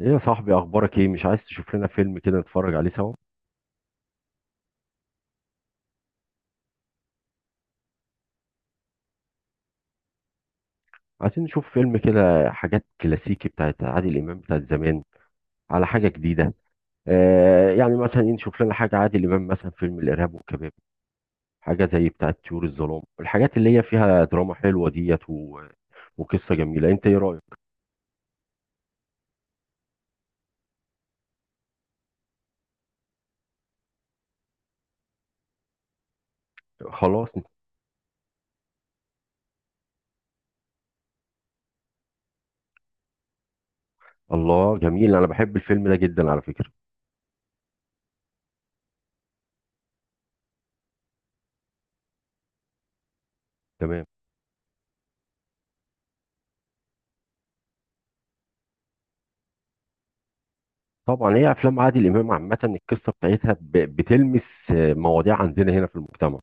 ايه يا صاحبي، اخبارك ايه؟ مش عايز تشوف لنا فيلم كده نتفرج عليه سوا؟ عايزين نشوف فيلم كده، حاجات كلاسيكي بتاعت عادل امام بتاعت زمان، على حاجه جديده. يعني مثلا نشوف لنا حاجه عادل امام، مثلا فيلم الارهاب والكباب، حاجه زي بتاعت طيور الظلام، الحاجات اللي هي فيها دراما حلوه ديت. وقصه جميله، انت ايه رايك؟ خلاص. الله، جميل، انا بحب الفيلم ده جدا على فكره. تمام. طبعا هي افلام عادل امام عامه، القصه بتاعتها بتلمس مواضيع عندنا هنا في المجتمع،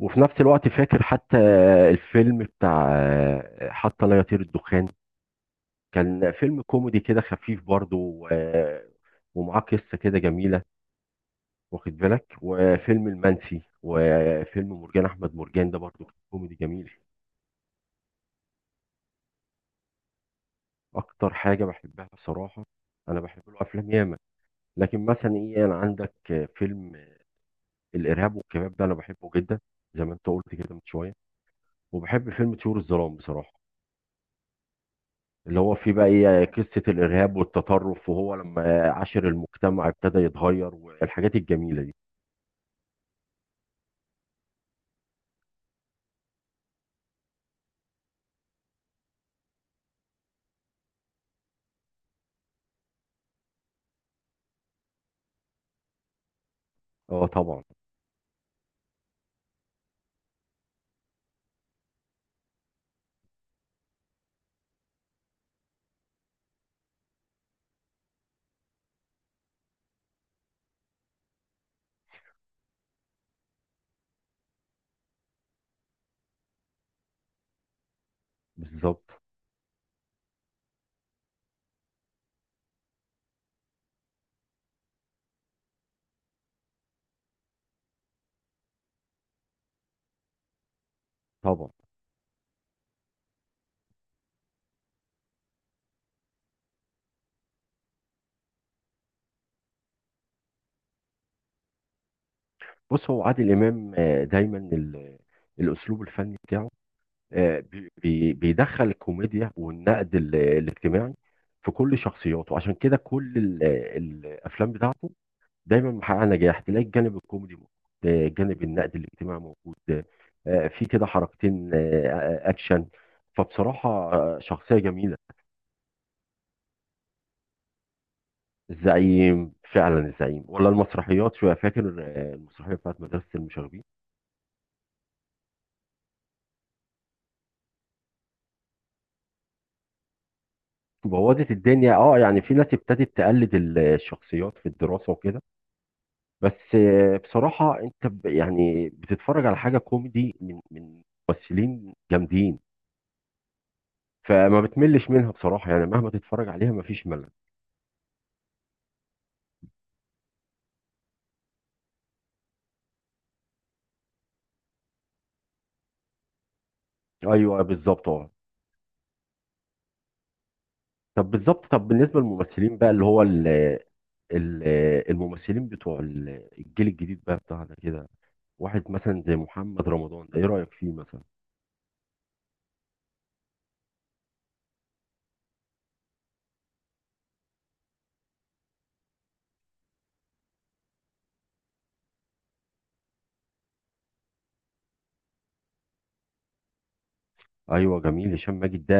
وفي نفس الوقت فاكر حتى الفيلم بتاع حتى لا يطير الدخان، كان فيلم كوميدي كده خفيف برضه، ومعاه قصة كده جميلة. واخد بالك؟ وفيلم المنسي، وفيلم مرجان أحمد مرجان ده برضه كوميدي جميل. أكتر حاجة بحبها بصراحة، أنا بحب له أفلام ياما، لكن مثلا إيه؟ أنا عندك فيلم الإرهاب والكباب ده أنا بحبه جدا زي ما أنت قلت كده من شوية، وبحب فيلم طيور الظلام بصراحة، اللي هو فيه بقى ايه؟ قصة الإرهاب والتطرف، وهو لما عاشر المجتمع ابتدى يتغير، والحاجات الجميلة دي. اه طبعا. بالظبط. طبعا. بص، هو عادل إمام دايما الأسلوب الفني بتاعه بيدخل الكوميديا والنقد الاجتماعي في كل شخصياته، عشان كده كل الأفلام بتاعته دايما محقق نجاح، تلاقي الجانب الكوميدي موجود، جانب النقد الاجتماعي موجود، في كده حركتين اكشن، فبصراحة شخصية جميلة. الزعيم فعلا، الزعيم. ولا المسرحيات شوية، فاكر المسرحية بتاعت مدرسة المشاغبين؟ بوظت الدنيا، اه، يعني في ناس ابتدت تقلد الشخصيات في الدراسة وكده. بس بصراحة انت يعني بتتفرج على حاجة كوميدي من ممثلين جامدين، فما بتملش منها بصراحة، يعني مهما تتفرج عليها مفيش ملل. ايوه بالظبط، اه. طب بالظبط، طب بالنسبه للممثلين بقى اللي هو ال ال الممثلين بتوع الجيل الجديد بقى بتاعنا كده، واحد مثلا زي محمد رمضان ده ايه رايك فيه مثلا؟ ايوه جميل، هشام ماجد ده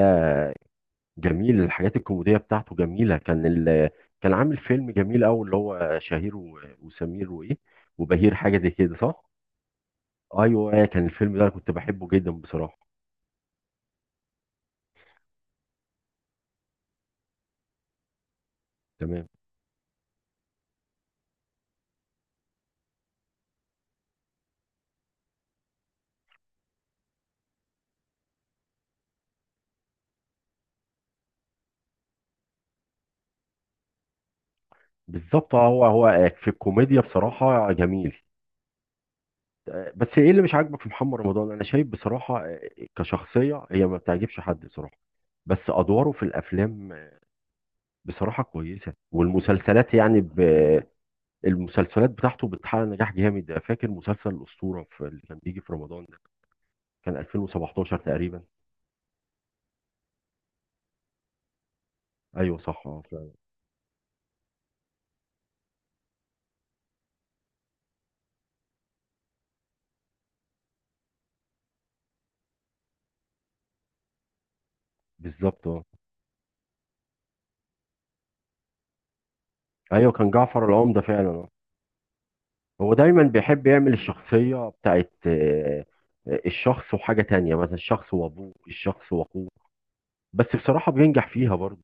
جميل، الحاجات الكوميديه بتاعته جميله، كان كان عامل فيلم جميل قوي، اللي هو شهير وسمير وايه وبهير، حاجه زي كده صح؟ ايوه كان الفيلم ده انا كنت بحبه جدا بصراحه. تمام. بالظبط. هو في الكوميديا بصراحه جميل. بس ايه اللي مش عاجبك في محمد رمضان؟ انا شايف بصراحه كشخصيه هي ما بتعجبش حد بصراحه، بس ادواره في الافلام بصراحه كويسه، والمسلسلات. المسلسلات بتاعته بتحقق نجاح جامد، فاكر مسلسل الاسطوره في اللي كان بيجي في رمضان ده؟ كان 2017 تقريبا. ايوه صح اه فعلا. بالظبط اه. ايوه كان جعفر العمده فعلا اه. هو دايما بيحب يعمل الشخصيه بتاعت الشخص وحاجه تانية، مثلا الشخص وابوه، الشخص واخوه، بس بصراحه بينجح فيها برضه.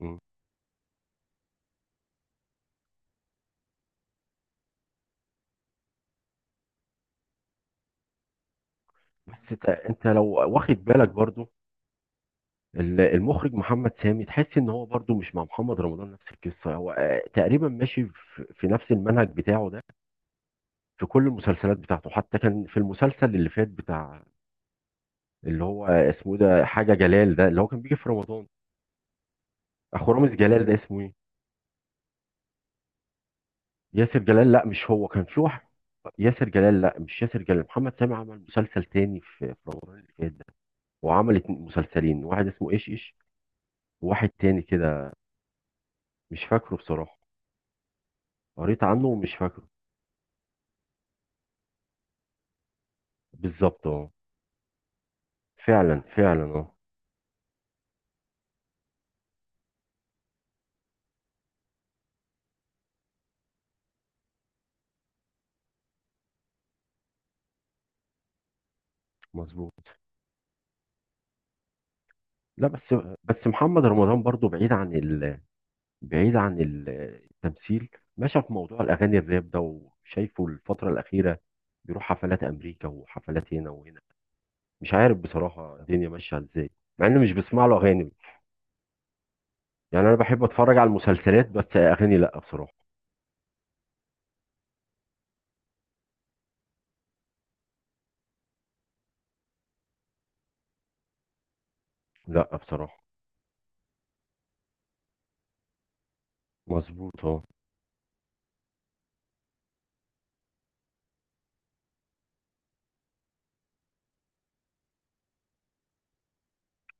مم. بس انت لو واخد بالك برضو المخرج محمد سامي، تحس ان هو برضو مش مع محمد رمضان نفس القصه، هو تقريبا ماشي في نفس المنهج بتاعه ده في كل المسلسلات بتاعته، حتى كان في المسلسل اللي فات بتاع اللي هو اسمه إيه ده، حاجه جلال ده اللي هو كان بيجي في رمضان، اخو رامز جلال ده اسمه ايه؟ ياسر جلال، لا مش هو، كان في واحد ياسر جلال، لا مش ياسر جلال، محمد سامي عمل مسلسل تاني في رمضان اللي فات ده، وعمل مسلسلين، واحد اسمه ايش وواحد تاني كده مش فاكره بصراحه، قريت عنه ومش فاكره. بالظبط اه. فعلا فعلا اه. مظبوط. لا بس محمد رمضان برضو بعيد عن بعيد عن التمثيل، ماشي في موضوع الاغاني الراب ده، وشايفه الفتره الاخيره بيروح حفلات امريكا وحفلات هنا وهنا، مش عارف بصراحه الدنيا ماشيه ازاي، مع اني مش بسمع له اغاني. يعني انا بحب اتفرج على المسلسلات بس اغاني لا بصراحه. لا بصراحه. مظبوط اه.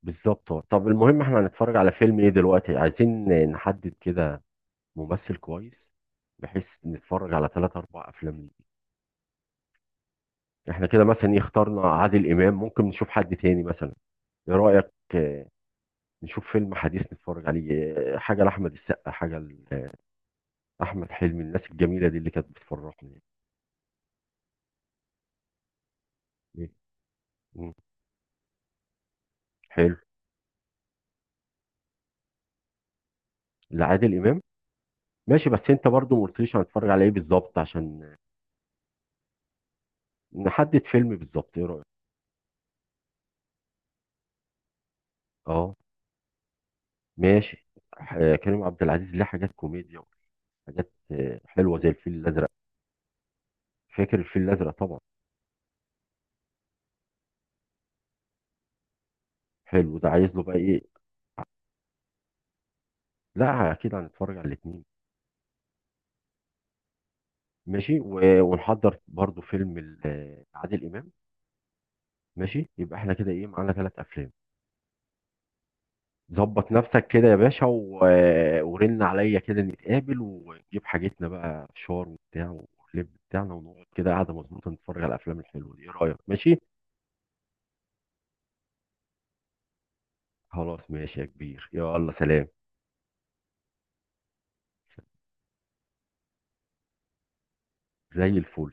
بالظبط اه. طب المهم احنا هنتفرج على فيلم ايه دلوقتي؟ عايزين نحدد كده ممثل كويس، بحيث نتفرج على 3 أو 4 أفلام ليه، احنا كده مثلا إيه اخترنا عادل امام، ممكن نشوف حد تاني مثلا، ايه رايك؟ نشوف فيلم حديث نتفرج عليه، حاجه لاحمد السقا، حاجه لاحمد حلمي، الناس الجميله دي اللي كانت بتفرحني. إيه؟ مم. حلو. لعادل امام؟ ماشي، بس انت برضو ما قلتليش هنتفرج على ايه بالظبط عشان نحدد فيلم بالظبط، ايه رايك؟ اه ماشي. كريم عبد العزيز ليه حاجات كوميديا، وحاجات حلوه زي الفيل الازرق، فاكر الفيل الازرق طبعا. حلو، ده عايز له بقى ايه؟ لا اكيد هنتفرج على الاثنين. ماشي ونحضر برضو فيلم عادل امام. ماشي، يبقى احنا كده ايه معانا 3 أفلام. ظبط نفسك كده يا باشا. ورن عليا كده، نتقابل ونجيب حاجتنا بقى فشار وبتاع واللب بتاعنا، ونقعد كده قاعده مظبوطه نتفرج على الافلام الحلوه دي، ايه رايك ماشي؟ خلاص ماشي يا كبير، يلا سلام. زي الفل.